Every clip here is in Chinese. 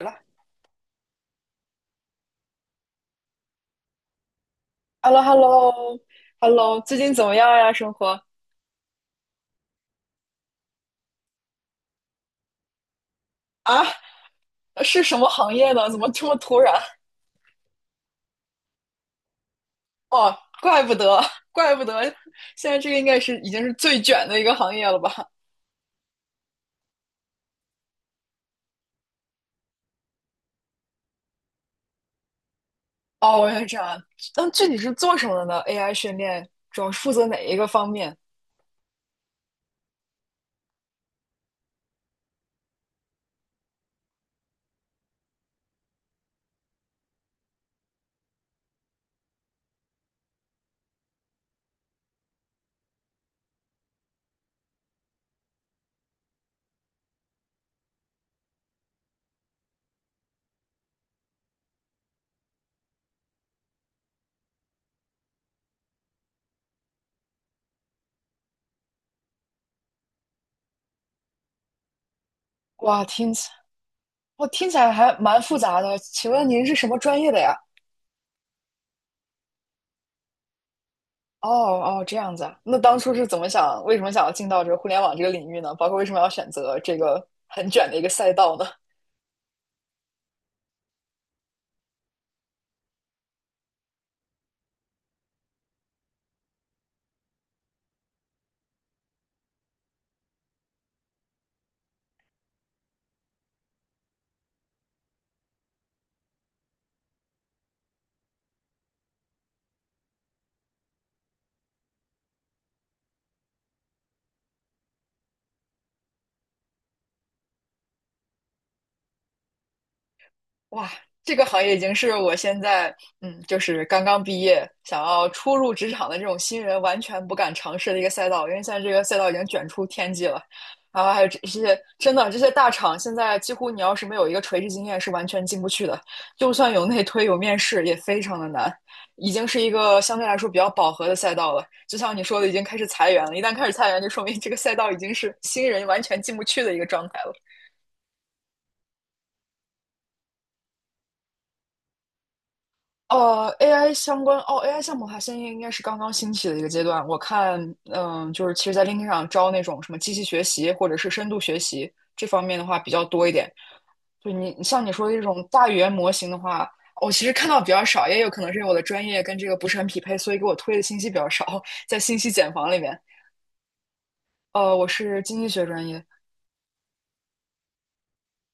了 h e l l o h e l l o h e l l o 最近怎么样呀？生活啊，是什么行业呢？怎么这么突然？哦，怪不得，怪不得，现在这个应该是已经是最卷的一个行业了吧？哦，原来这样。那具体是做什么的呢？AI 训练主要是负责哪一个方面？哇，听起，我听起来还蛮复杂的。请问您是什么专业的呀？哦哦，这样子啊。那当初是怎么想，为什么想要进到这个互联网这个领域呢？包括为什么要选择这个很卷的一个赛道呢？哇，这个行业已经是我现在，就是刚刚毕业，想要初入职场的这种新人完全不敢尝试的一个赛道，因为现在这个赛道已经卷出天际了。然后还有这些，真的这些大厂，现在几乎你要是没有一个垂直经验，是完全进不去的。就算有内推有面试，也非常的难。已经是一个相对来说比较饱和的赛道了。就像你说的，已经开始裁员了。一旦开始裁员，就说明这个赛道已经是新人完全进不去的一个状态了。AI 相关哦，AI 项目的话，现在应该是刚刚兴起的一个阶段。我看，就是其实，在 LinkedIn 上招那种什么机器学习或者是深度学习这方面的话比较多一点。就你像你说的这种大语言模型的话，我其实看到比较少，也有可能是因为我的专业跟这个不是很匹配，所以给我推的信息比较少，在信息茧房里面。我是经济学专业，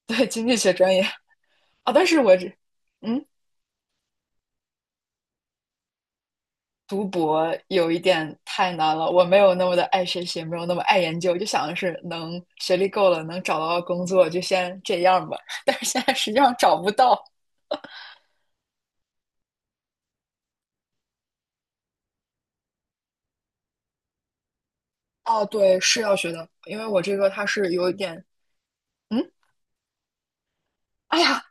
对，经济学专业啊，但是我这，嗯。读博有一点太难了，我没有那么的爱学习，没有那么爱研究，就想的是能学历够了，能找到工作就先这样吧。但是现在实际上找不到。哦，对，是要学的，因为我这个它是有一点，嗯，哎呀，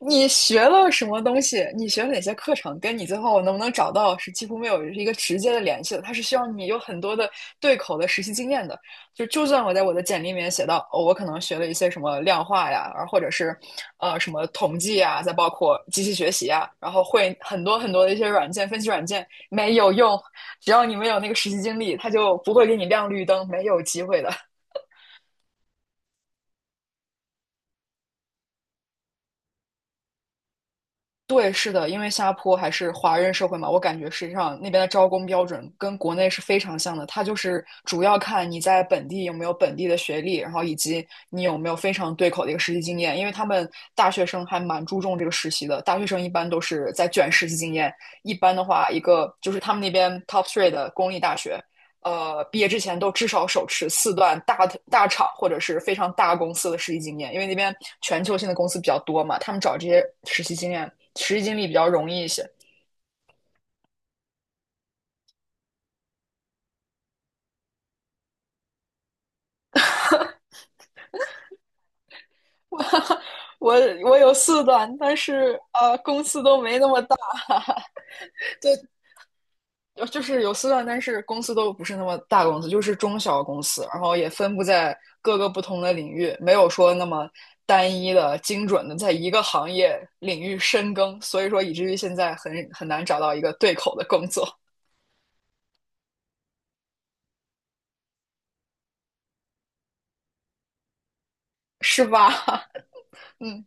你学了什么东西？你学了哪些课程？跟你最后能不能找到是几乎没有一个直接的联系的。它是需要你有很多的对口的实习经验的。就算我在我的简历里面写到，哦，我可能学了一些什么量化呀，或者是什么统计呀，再包括机器学习呀，然后会很多很多的一些软件分析软件没有用。只要你没有那个实习经历，它就不会给你亮绿灯，没有机会的。对，是的，因为新加坡还是华人社会嘛，我感觉实际上那边的招工标准跟国内是非常像的，它就是主要看你在本地有没有本地的学历，然后以及你有没有非常对口的一个实习经验，因为他们大学生还蛮注重这个实习的，大学生一般都是在卷实习经验，一般的话，一个就是他们那边 top three 的公立大学，毕业之前都至少手持四段大厂或者是非常大公司的实习经验，因为那边全球性的公司比较多嘛，他们找这些实习经验、实习经历比较容易一些。我我有四段，但是,公司都没那么大。对，有就是有四段，但是公司都不是那么大公司，就是中小公司，然后也分布在各个不同的领域，没有说那么单一的、精准的在一个行业领域深耕，所以说以至于现在很难找到一个对口的工作，是吧？嗯，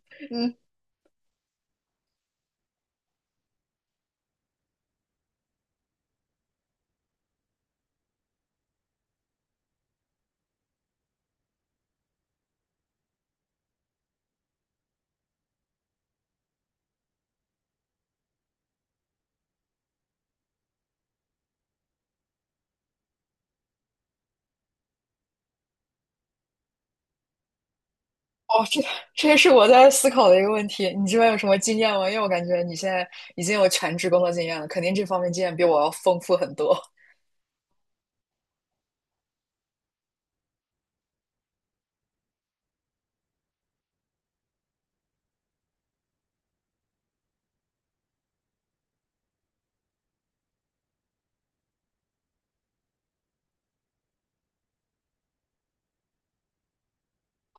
哦，这也是我在思考的一个问题。你这边有什么经验吗？因为我感觉你现在已经有全职工作经验了，肯定这方面经验比我要丰富很多。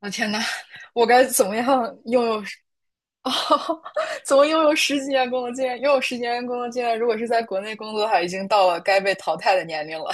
我的天呐，我该怎么样用哦，怎么又有十几年工作经验？又有十几年工作经验，如果是在国内工作的话，已经到了该被淘汰的年龄了。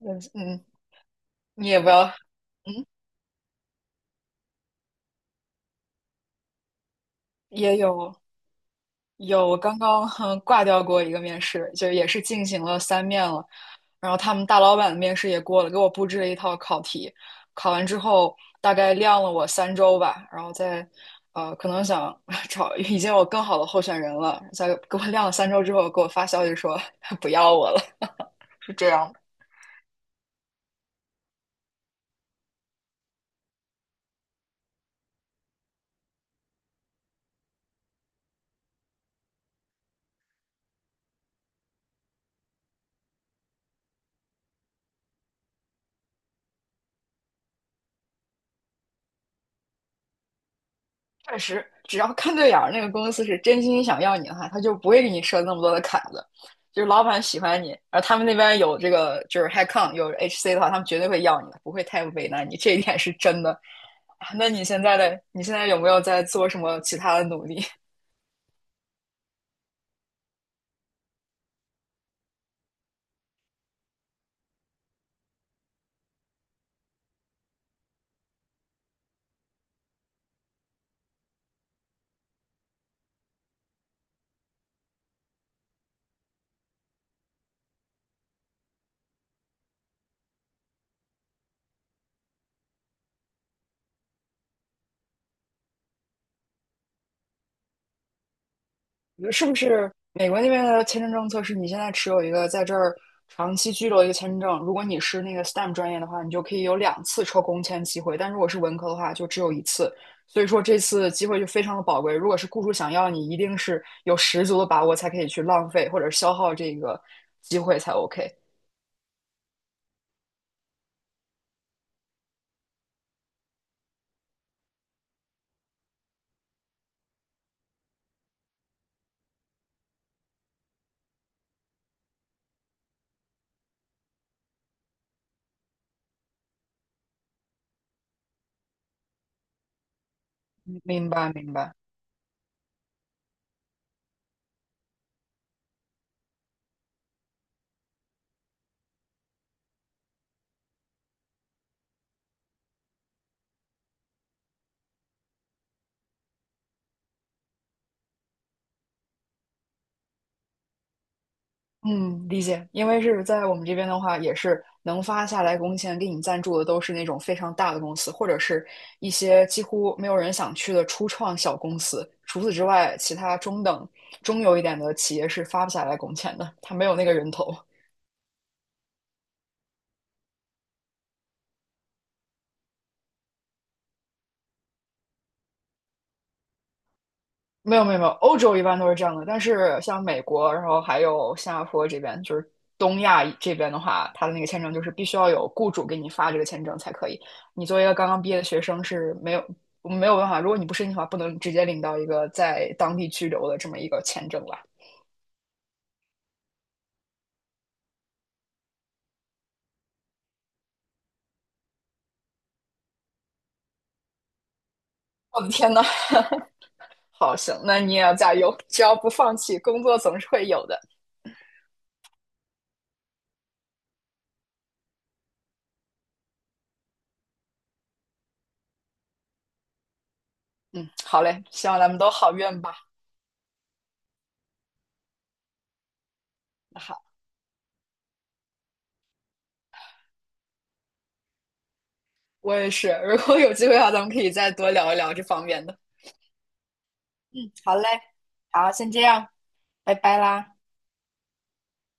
嗯嗯，你也不要，嗯，有我刚刚挂掉过一个面试，就也是进行了3面了，然后他们大老板的面试也过了，给我布置了一套考题，考完之后大概晾了我三周吧，然后再。可能想 找已经有更好的候选人了，再给我晾了三周之后，给我发消息说 不要我了，是这样确实，只要看对眼儿，那个公司是真心想要你的话，他就不会给你设那么多的坎子。就是老板喜欢你，而他们那边有这个就是 HiCon 有 HC 的话，他们绝对会要你的，不会太为难你，这一点是真的。啊那你现在有没有在做什么其他的努力？是不是美国那边的签证政策是你现在持有一个在这儿长期居留的一个签证，如果你是那个 STEM 专业的话，你就可以有2次抽工签机会，但如果是文科的话，就只有一次。所以说这次机会就非常的宝贵，如果是雇主想要你，一定是有十足的把握才可以去浪费或者消耗这个机会才 OK。明白，明白。嗯，理解。因为是在我们这边的话，也是能发下来工钱给你赞助的，都是那种非常大的公司，或者是一些几乎没有人想去的初创小公司。除此之外，其他中等、中游一点的企业是发不下来工钱的，他没有那个人头。没有没有没有，欧洲一般都是这样的，但是像美国，然后还有新加坡这边，就是东亚这边的话，他的那个签证就是必须要有雇主给你发这个签证才可以。你作为一个刚刚毕业的学生是没有办法，如果你不申请的话，不能直接领到一个在当地居留的这么一个签证吧？我的天呐，好，行，那你也要加油，只要不放弃，工作总是会有的。嗯，好嘞，希望咱们都好运吧。那好，我也是，如果有机会的话，咱们可以再多聊一聊这方面的。嗯好嘞，好，先这样，拜拜啦。